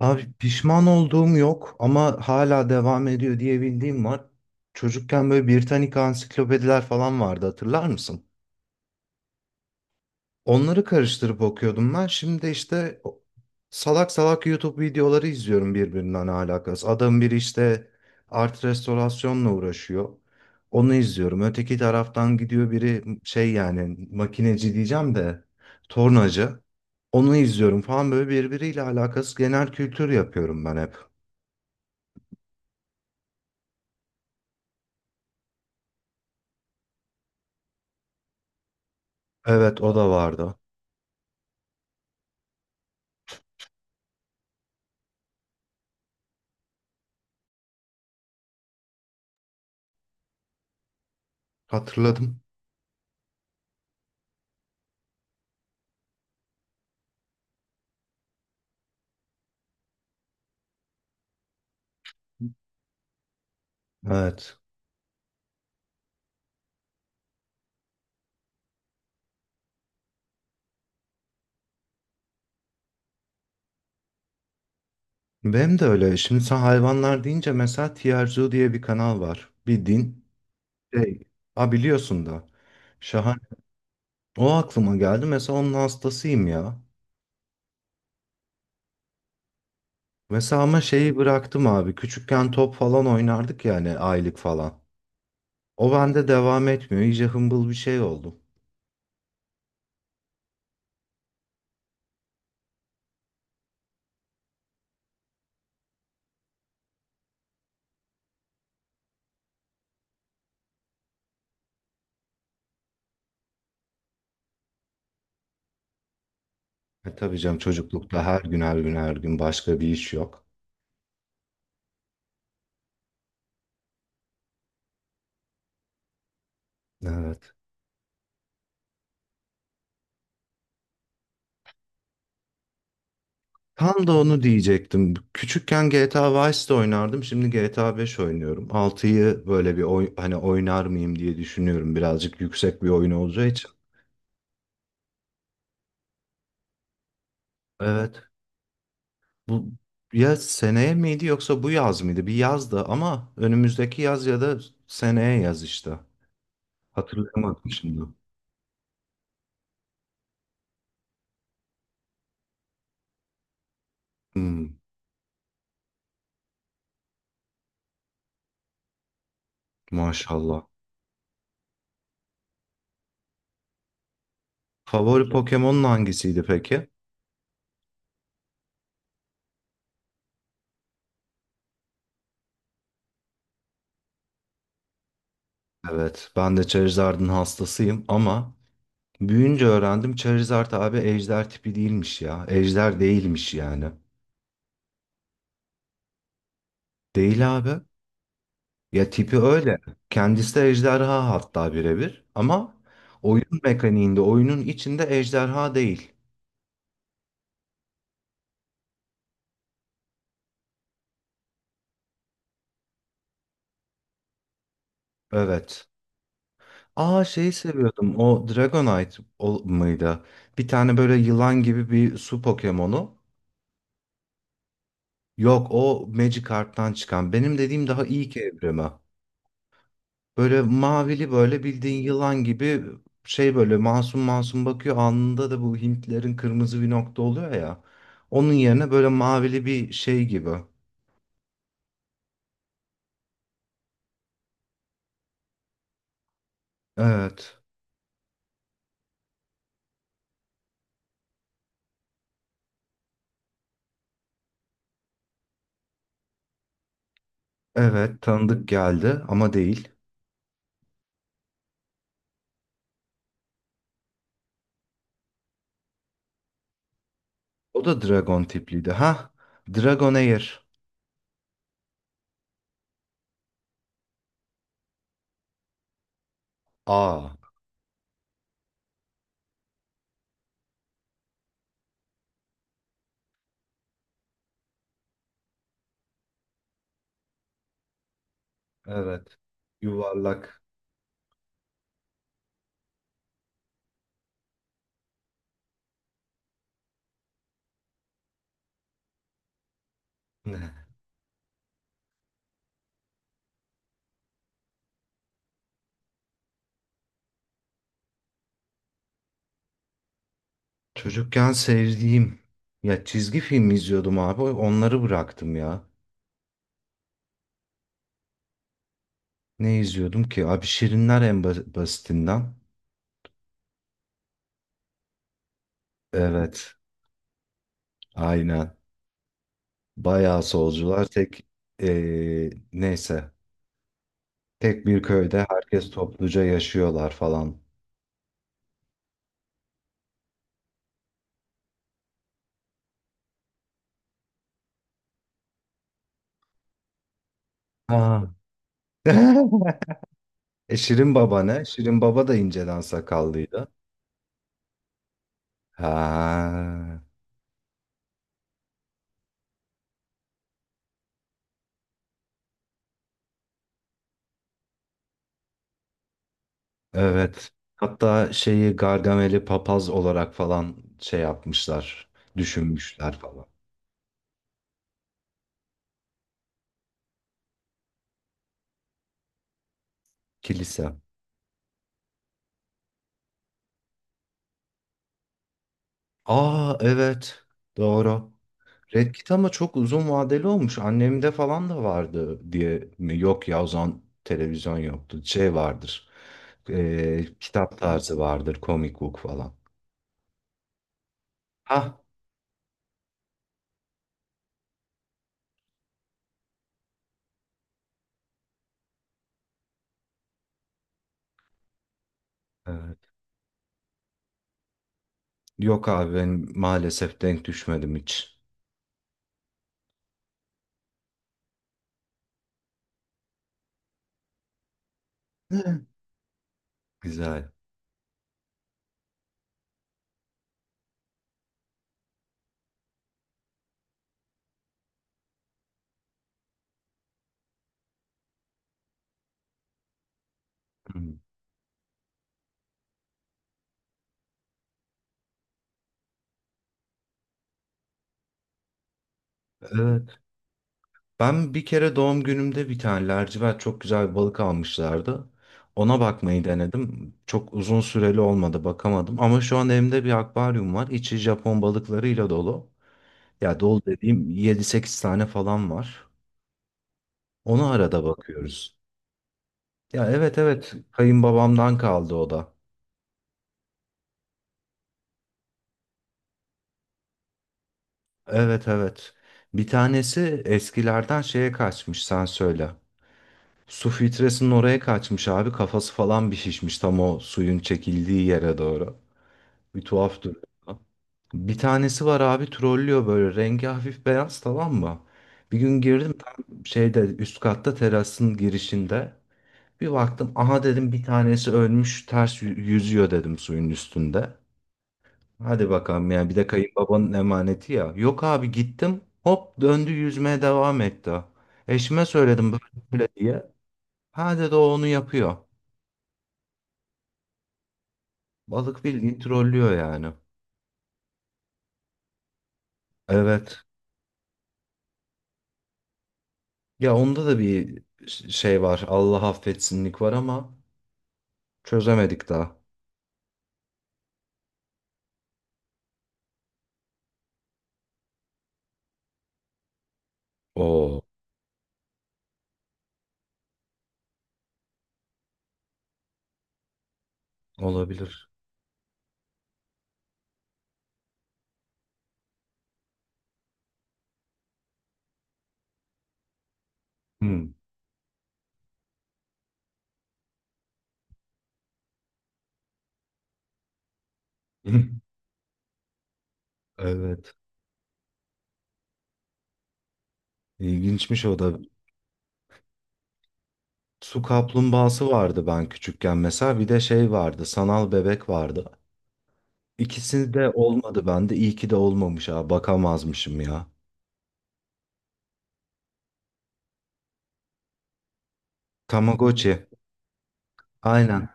Abi pişman olduğum yok ama hala devam ediyor diye bildiğim var. Çocukken böyle Britannica ansiklopediler falan vardı, hatırlar mısın? Onları karıştırıp okuyordum ben. Şimdi işte salak salak YouTube videoları izliyorum, birbirinden alakası. Adam biri işte art restorasyonla uğraşıyor. Onu izliyorum. Öteki taraftan gidiyor biri, şey yani makineci diyeceğim de tornacı. Onu izliyorum falan, böyle birbiriyle alakası, genel kültür yapıyorum ben hep. Evet, o da vardı. Hatırladım. Evet. Benim de öyle. Şimdi sen hayvanlar deyince mesela TRZ diye bir kanal var, bir din şey. Ha, biliyorsun da. Şahane. O aklıma geldi. Mesela onun hastasıyım ya. Mesela ama şeyi bıraktım abi. Küçükken top falan oynardık yani aylık falan. O bende devam etmiyor. İyice hımbıl bir şey oldum. E tabii canım, çocuklukta her gün her gün her gün başka bir iş yok. Evet. Tam da onu diyecektim. Küçükken GTA Vice'de oynardım. Şimdi GTA 5 oynuyorum. Altıyı böyle bir hani oynar mıyım diye düşünüyorum. Birazcık yüksek bir oyun olacağı için. Evet. Bu, ya seneye miydi yoksa bu yaz mıydı? Bir yazdı ama önümüzdeki yaz ya da seneye yaz işte. Hatırlayamadım şimdi. Hmm, maşallah. Favori Pokemon'un hangisiydi peki? Evet, ben de Charizard'ın hastasıyım ama büyünce öğrendim, Charizard abi ejder tipi değilmiş ya. Ejder değilmiş yani. Değil abi. Ya tipi öyle. Kendisi de ejderha, hatta birebir. Ama oyun mekaniğinde, oyunun içinde ejderha değil. Evet. Aa, şeyi seviyordum. O Dragonite mıydı? Bir tane böyle yılan gibi bir su Pokemon'u. Yok, o Magikarp'tan çıkan. Benim dediğim daha ilk evrimi. Böyle mavili, böyle bildiğin yılan gibi şey, böyle masum masum bakıyor. Alnında da bu Hintlerin kırmızı bir nokta oluyor ya. Onun yerine böyle mavili bir şey gibi. Evet. Evet, tanıdık geldi ama değil. O da dragon tipliydi. Ha? Dragon Air. Aa. Evet. Yuvarlak. Çocukken sevdiğim. Ya, çizgi film izliyordum abi. Onları bıraktım ya. Ne izliyordum ki? Abi, Şirinler en basitinden. Evet. Aynen. Bayağı solcular, tek neyse, tek bir köyde herkes topluca yaşıyorlar falan. Ha. E, Şirin Baba ne? Şirin Baba da inceden sakallıydı. Ha, evet. Hatta şeyi, Gargamel'i papaz olarak falan şey yapmışlar, düşünmüşler falan. Kilise. Aa, evet, doğru. Red Kit ama çok uzun vadeli olmuş. Annemde falan da vardı diye mi? Yok ya, o zaman televizyon yoktu. Şey vardır. Kitap tarzı vardır. Comic book falan. Ha, evet. Yok abi, ben maalesef denk düşmedim hiç. Hı. Güzel. Hı. Evet. Ben bir kere doğum günümde bir tane lacivert çok güzel bir balık almışlardı. Ona bakmayı denedim. Çok uzun süreli olmadı, bakamadım. Ama şu an evimde bir akvaryum var. İçi Japon balıklarıyla dolu. Ya, dolu dediğim yedi sekiz tane falan var. Ona arada bakıyoruz. Ya evet, evet, kayınbabamdan kaldı o da. Evet, evet. Bir tanesi eskilerden şeye kaçmış sen söyle. Su filtresinin oraya kaçmış abi, kafası falan bir şişmiş tam o suyun çekildiği yere doğru. Bir tuhaf duruyor. Bir tanesi var abi, trollüyor, böyle rengi hafif beyaz, tamam mı? Bir gün girdim tam şeyde, üst katta terasın girişinde. Bir baktım, aha dedim bir tanesi ölmüş, ters yüzüyor dedim suyun üstünde. Hadi bakalım yani, bir de kayınbabanın emaneti ya. Yok abi, gittim hop döndü, yüzmeye devam etti. Eşime söyledim böyle böyle diye. Ha dedi, o onu yapıyor. Balık bildiğin trollüyor yani. Evet. Ya onda da bir şey var. Allah affetsinlik var ama çözemedik daha. Oo. Olabilir. Hmm. Evet. İlginçmiş o da. Su kaplumbağası vardı ben küçükken mesela. Bir de şey vardı, sanal bebek vardı. İkisi de olmadı bende. İyi ki de olmamış ha. Bakamazmışım ya. Tamagotchi. Aynen.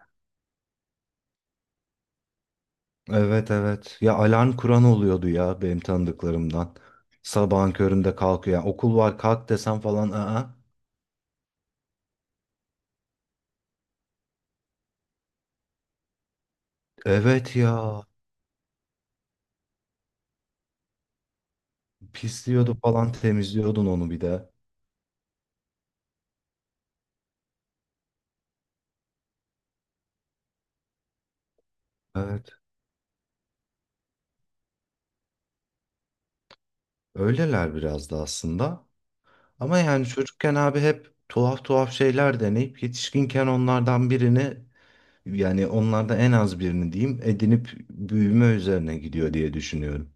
Evet, evet. Ya alarm kuran oluyordu ya benim tanıdıklarımdan. Sabahın köründe kalkıyor. Yani okul var kalk desem falan. Aa. Evet ya. Pisliyordu falan, temizliyordun onu bir de. Evet. Öyleler biraz da aslında. Ama yani çocukken abi hep tuhaf tuhaf şeyler deneyip, yetişkinken onlardan birini, yani onlardan en az birini diyeyim, edinip büyüme üzerine gidiyor diye düşünüyorum.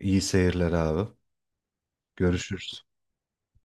İyi seyirler abi. Görüşürüz.